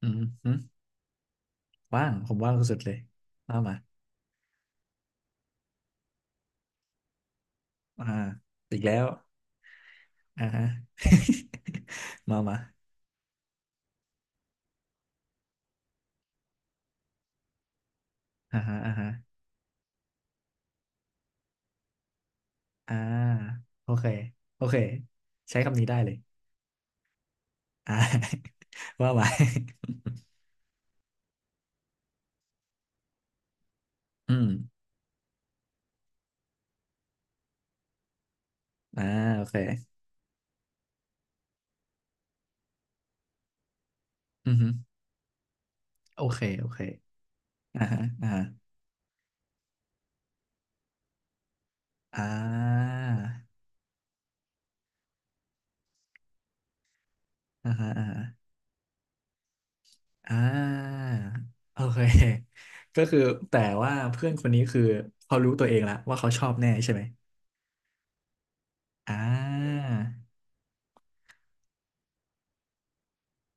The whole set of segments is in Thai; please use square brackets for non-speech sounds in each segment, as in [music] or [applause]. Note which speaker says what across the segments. Speaker 1: อืมอืมว่างผมว่างสุดๆเลยมามาอ่าอีกแล้วอ่าฮะ [laughs] มามาอ่าฮะอ่าฮะอ่าโอเคโอเคใช้คำนี้ได้เลยอ่า [laughs] ว่ามา [laughs] อืมอ่าโอเคอือฮึโอเคโอเคอ่าฮะอ่าฮะอ่าอ่าฮะอ่าฮะอ่าโอเค [laughs] ก็คือแต่ว่าเพื่อนคนนี้คือเขารู้ตัวเองแล้วว่าเขาชอบแน่ใช่ไหมอ่า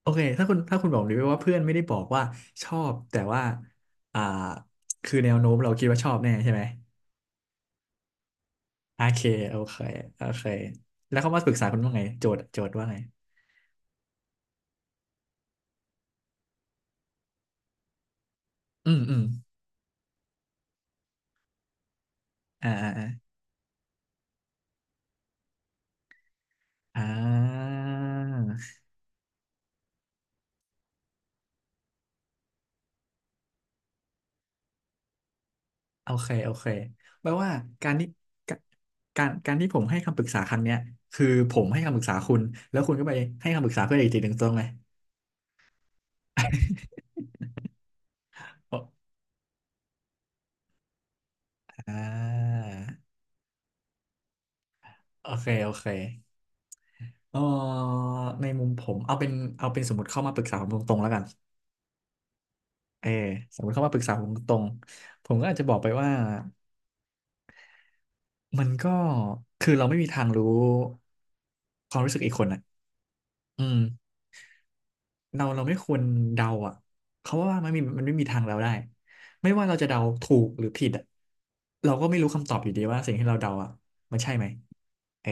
Speaker 1: โอเค ถ้าคุณบอกดิว่าเพื่อนไม่ได้บอกว่าชอบแต่ว่าอ่าคือแนวโน้มเราคิดว่าชอบแน่ใช่ไหมโอเคโอเคโอเคแล้วเขามาปรึกษาคุณว่าไงโจทย์ว่าไงอืมอืมอ่าอ่าอ่าอ่าโอเคโอเคแปลว่าการที่กการที่ผมให้คำปรึกษาครั้งเนี้ยคือผมให้คำปรึกษาคุณแล้วคุณก็ไปให้คำปรึกษาเพื่อนอีกทีหนึ่งตรงไหม [laughs] อ่าโอเคโอเค เออในมุมผมเอาเป็นสมมติเข้ามาปรึกษาผมตรงๆแล้วกันเออสมมติเข้ามาปรึกษาผมตรงๆผมก็อาจจะบอกไปว่ามันก็คือเราไม่มีทางรู้ความรู้สึกอีกคนอ่ะอืมเราไม่ควรเดาอ่ะเขาะว่ามันไม่มีทางเดาได้ไม่ว่าเราจะเดาถูกหรือผิดอ่ะเราก็ไม่รู้คำตอบอยู่ดีว่าสิ่งที่เราเดาอ่ะมันใช่ไหมเออ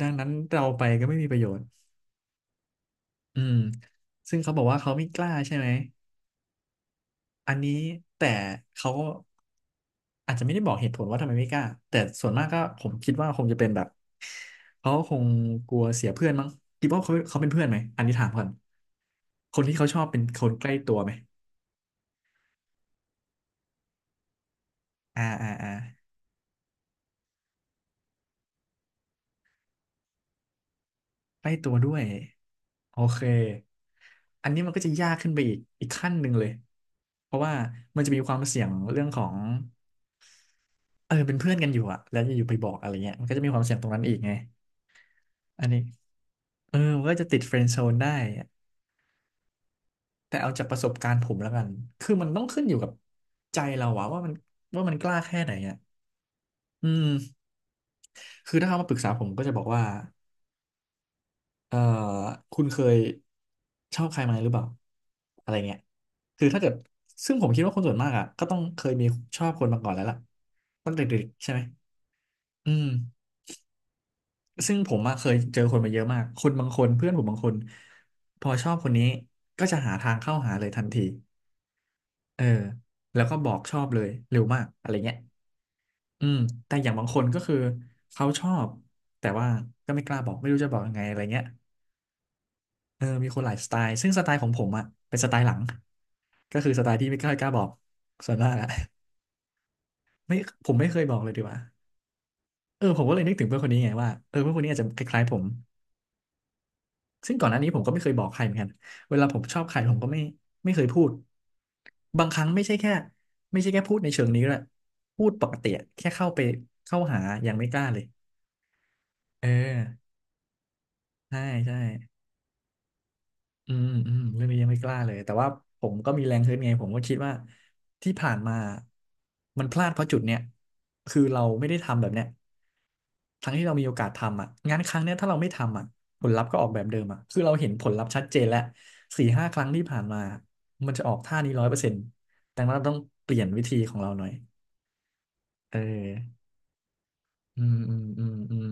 Speaker 1: ดังนั้นเราไปก็ไม่มีประโยชน์อืมซึ่งเขาบอกว่าเขาไม่กล้าใช่ไหม อันนี้แต่เขาก็อาจจะไม่ได้บอกเหตุผลว่าทำไมไม่กล้าแต่ส่วนมากก็ผมคิดว่าคงจะเป็นแบบเขาคงกลัวเสียเพื่อนมั้งคิดว่าเขาเป็นเพื่อนไหมอันนี้ถามก่อนคนที่เขาชอบเป็นคนใกล้ตัวไหมอ่าอ่าอ่าใกล้ตัวด้วยโอเคอันนี้มันก็จะยากขึ้นไปอีกขั้นหนึ่งเลยเพราะว่ามันจะมีความเสี่ยงเรื่องของเออเป็นเพื่อนกันอยู่อะแล้วอยู่ๆไปบอกอะไรเงี้ยมันก็จะมีความเสี่ยงตรงนั้นอีกไงอันนี้เออมันก็จะติดเฟรนด์โซนได้ แต่เอาจากประสบการณ์ผมแล้วกันคือมันต้องขึ้นอยู่กับใจเราอะว่ามันกล้าแค่ไหนอะอืมคือถ้าเขามาปรึกษาผมก็จะบอกว่าเอ่อคุณเคยชอบใครมาหรือเปล่าอะไรเงี้ยคือถ้าเกิดซึ่งผมคิดว่าคนส่วนมากอะก็ต้องเคยมีชอบคนมาก่อนแล้วล่ะตั้งแต่เด็กๆใช่ไหมอืมซึ่งผมอะเคยเจอคนมาเยอะมากคนบางคนเพื่อนผมบางคนพอชอบคนนี้ก็จะหาทางเข้าหาเลยทันทีเออแล้วก็บอกชอบเลยเร็วมากอะไรเงี้ย อืมแต่อย่างบางคนก็คือเขาชอบแต่ว่าก็ไม่กล้าบอกไม่รู้จะบอกยังไงอะไรเงี้ยเออมีคนหลายสไตล์ซึ่งสไตล์ของผมอะเป็นสไตล์หลังก็คือสไตล์ที่ไม่กล้าบอกส่วนมากอะ [laughs] ไม่ผมไม่เคยบอกเลยดีกว่าเออผมก็เลยนึกถึงเพื่อนคนนี้ไงว่าเออเพื่อนคนนี้อาจจะคล้ายๆผมซึ่งก่อนหน้านี้ผมก็ไม่เคยบอกใครเหมือนกันเวลาผมชอบใครผมก็ไม่เคยพูดบางครั้งไม่ใช่แค่พูดในเชิงนี้ด้วยพูดปกติอะแค่เข้าไปเข้าหายังไม่กล้าเลยเออใช่ใช่ อืมอืมเรื่องนี้ยังไม่กล้าเลยแต่ว่าผมก็มีแรงฮึดไงผมก็คิดว่าที่ผ่านมามันพลาดเพราะจุดเนี้ยคือเราไม่ได้ทำแบบเนี้ยทั้งที่เรามีโอกาสทำอ่ะงานครั้งเนี้ยถ้าเราไม่ทำอ่ะผลลัพธ์ก็ออกแบบเดิมอ่ะคือเราเห็นผลลัพธ์ชัดเจนแล้ว4-5 ครั้งที่ผ่านมามันจะออกท่านี้100%ดังนั้นเราต้องเปลี่ยนวิธีของเราหน่อยเอออืมอืมอืมอืม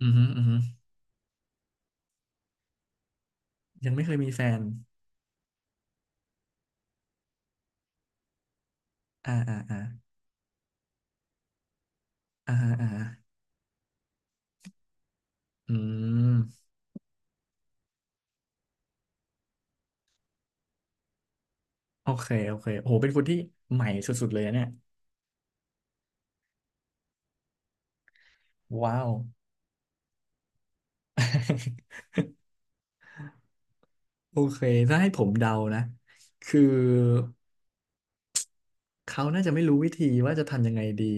Speaker 1: อืมอหืมยังไม่เคยมีแฟนอ่าอ่าอ่าอ่าอ่าอืม โอเคโอเคโหเป็นคนที่ใหม่สุดๆเลยนะเนี่ยว้าว [laughs] โอเคถ้าให้ผมเดานะคือเขาน่าจะไม่รู้วิธีว่าจะทำยังไงดี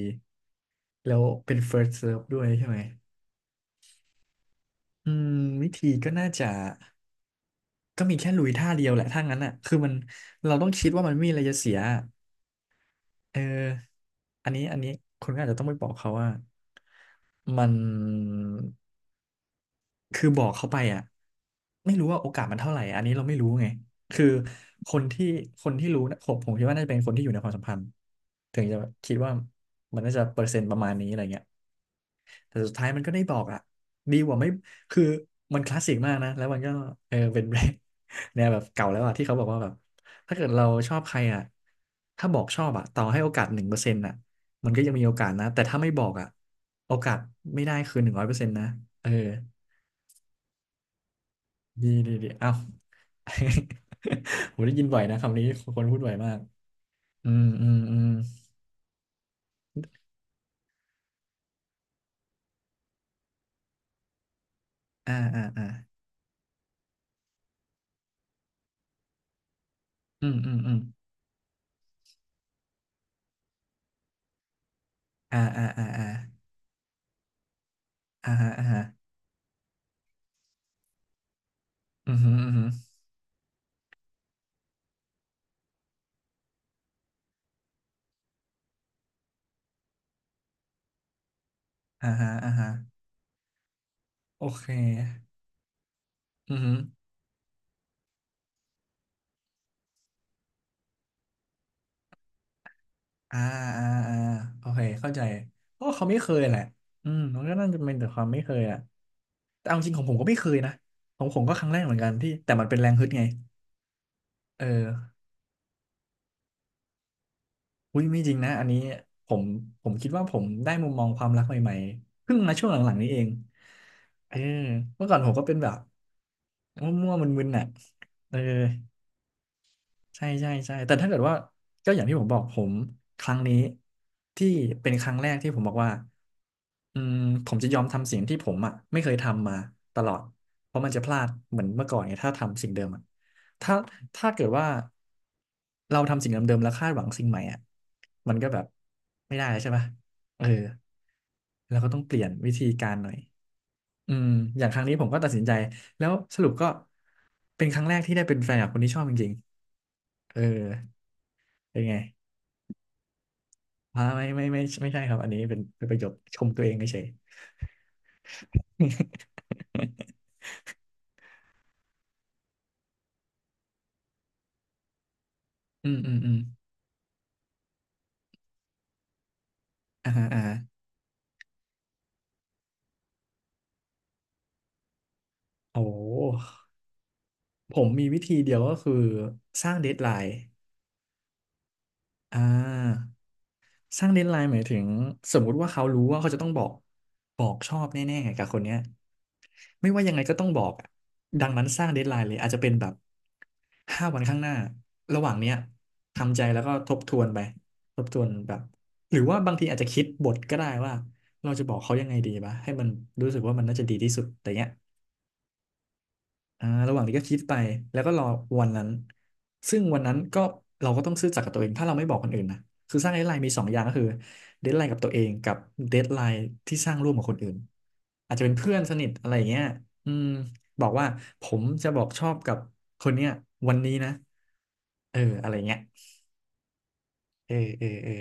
Speaker 1: แล้วเป็น first serve ด้วยใช่ไหมอืมวิธีก็น่าจะก็มีแค่ลุยท่าเดียวแหละถ้างั้นอ่ะคือมันเราต้องคิดว่ามันไม่มีอะไรจะเสียเอออันนี้อันนี้คุณก็อาจจะต้องไปบอกเขาว่ามัน คือบอกเขาไปอ่ะไม่รู้ว่าโอกาสมันเท่าไหร่อันนี้เราไม่รู้ไงคือคนที่รู้นะผมคิดว่าน่าจะเป็นคนที่อยู่ในความสัมพันธ์ถึงจะคิดว่ามันน่าจะเปอร์เซ็นต์ประมาณนี้อะไรเงี้ยแต่สุดท้ายมันก็ได้บอกอ่ะดีกว่าไม่คือมันคลาสสิกมากนะแล้วมันก็เออเป็น [laughs] เนี่ยแบบเก่าแล้วอ่ะที่เขาบอกว่าแบบถ้าเกิดเราชอบใครอ่ะถ้าบอกชอบอ่ะต่อให้โอกาส1%อ่ะมันก็ยังมีโอกาสนะแต่ถ้าไม่บอกอ่ะโอกาสไม่ได้คือ100%นะเออ ดีดีดีอ้าว [laughs] ผมได้ยินบ่อยนะคำนี้คนพูดบ่อยมากอืมอืมอืมอ่าอ่าอ่าอืมอืมอืมอ่าอ่าอ่าอ่าอ่าฮะอ่าฮะอืมฮึอหืมฮึอหืออ่าฮะอ่าฮะโอเคอืมฮึออ่าอ่าอ่าโอเคเข้าใจเพราะว่าเขาไม่เคยแหละอืมมันก็น่าจะเป็นแต่ความไม่เคยอ่ะแต่เอาจริงของผมก็ไม่เคยนะของผมก็ครั้งแรกเหมือนกันที่แต่มันเป็นแรงฮึดไงเออ อุ้ยไม่จริงนะอันนี้ผมคิดว่าผมได้มุมมองความรักใหม่ๆเพิ่งมาช่วงหลังๆนี้เองเออเมื่อก่อนผมก็เป็นแบบมั่วๆมึนๆน่ะเออ ใช่ใช่ใช่แต่ถ้าเกิดว่าก็อย่างที่ผมบอกผมครั้งนี้ที่เป็นครั้งแรกที่ผมบอกว่าอืมผมจะยอมทำสิ่งที่ผมอ่ะไม่เคยทำมาตลอดเพราะมันจะพลาดเหมือนเมื่อก่อนไงถ้าทำสิ่งเดิมอะถ้าถ้าเกิดว่าเราทำสิ่งเดิมๆแล้วคาดหวังสิ่งใหม่อ่ะมันก็แบบไม่ได้แล้วใช่ปะเออเราก็ต้องเปลี่ยนวิธีการหน่อยอืมอย่างครั้งนี้ผมก็ตัดสินใจแล้วสรุปก็เป็นครั้งแรกที่ได้เป็นแฟนกับคนที่ชอบจริงๆเออเป็นไง อ่าไม่ไม่ไม่ไม่ใช่ครับอันนี้เป็นเป็นประโยคชมตัวเองเฉยๆ [laughs] อืมอืมอืมอ่าฮะอ่าฮะโอ้โหผมมีวิธีเดียวก็คือสร้างเดดไลน์อ่า สร้างเดดไลน์หมายถึงสมมุติว่าเขารู้ว่าเขาจะต้องบอกบอกชอบแน่ๆกับคนเนี้ยไม่ว่ายังไงก็ต้องบอกอะดังนั้นสร้างเดดไลน์เลยอาจจะเป็นแบบ5 วันข้างหน้าระหว่างเนี้ยทำใจแล้วก็ทบทวนไปทบทวนแบบหรือว่าบางทีอาจจะคิดบทก็ได้ว่าเราจะบอกเขายังไงดีวะให้มันรู้สึกว่ามันน่าจะดีที่สุดแต่เนี้ย อ่าระหว่างนี้ก็คิดไปแล้วก็รอวันนั้นซึ่งวันนั้นก็เราก็ต้องซื่อสัตย์กับตัวเองถ้าเราไม่บอกคนอื่นนะคือสร้างเดดไลน์มี2 อย่างก็คือเดดไลน์กับตัวเองกับเดดไลน์ที่สร้างร่วมกับคนอื่นอาจจะเป็นเพื่อนสนิทอะไรอย่างเงี้ยอืมบอกว่าผมจะบอกชอบกับคนเนี้ยวันนี้นะเอออะไรเงี้ยเออเออเออ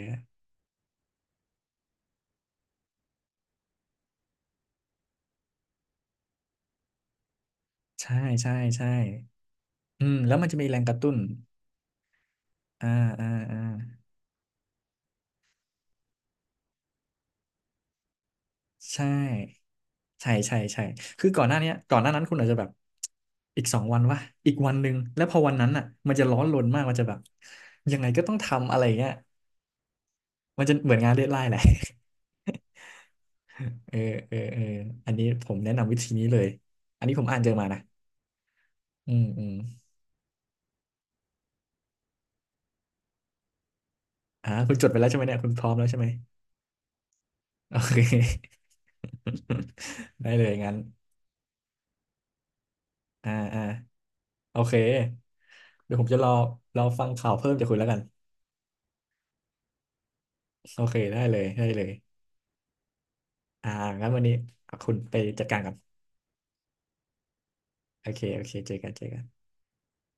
Speaker 1: ใช่ใช่ใช่อืมแล้วมันจะมีแรงกระตุ้นอ่าอ่าอ่า ใช่ใช่ใช่ใช่คือก่อนหน้าเนี้ยก่อนหน้านั้นคุณอาจจะแบบอีก2 วันวะอีกวันหนึ่งแล้วพอวันนั้นอ่ะมันจะร้อนรนมากมันจะแบบยังไงก็ต้องทำอะไรเงี้ยมันจะเหมือนงานเดดไลน์แหละ [laughs] เออเออเอออันนี้ผมแนะนำวิธีนี้เลยอันนี้ผมอ่านเจอมานะอืมอืมอ่าคุณจดไปแล้วใช่ไหมเนี่ยคุณพร้อมแล้วใช่ไหม [laughs] โอเค [laughs] ได้เลยงั้นอ่าอ่าโอเคเดี๋ยวผมจะรอรอฟังข่าวเพิ่มจากคุณแล้วกันโอเคได้เลยได้เลย อ่างั้นวันนี้คุณไปจัดการก่อนโอเค โอเคเจอกันเจอกัน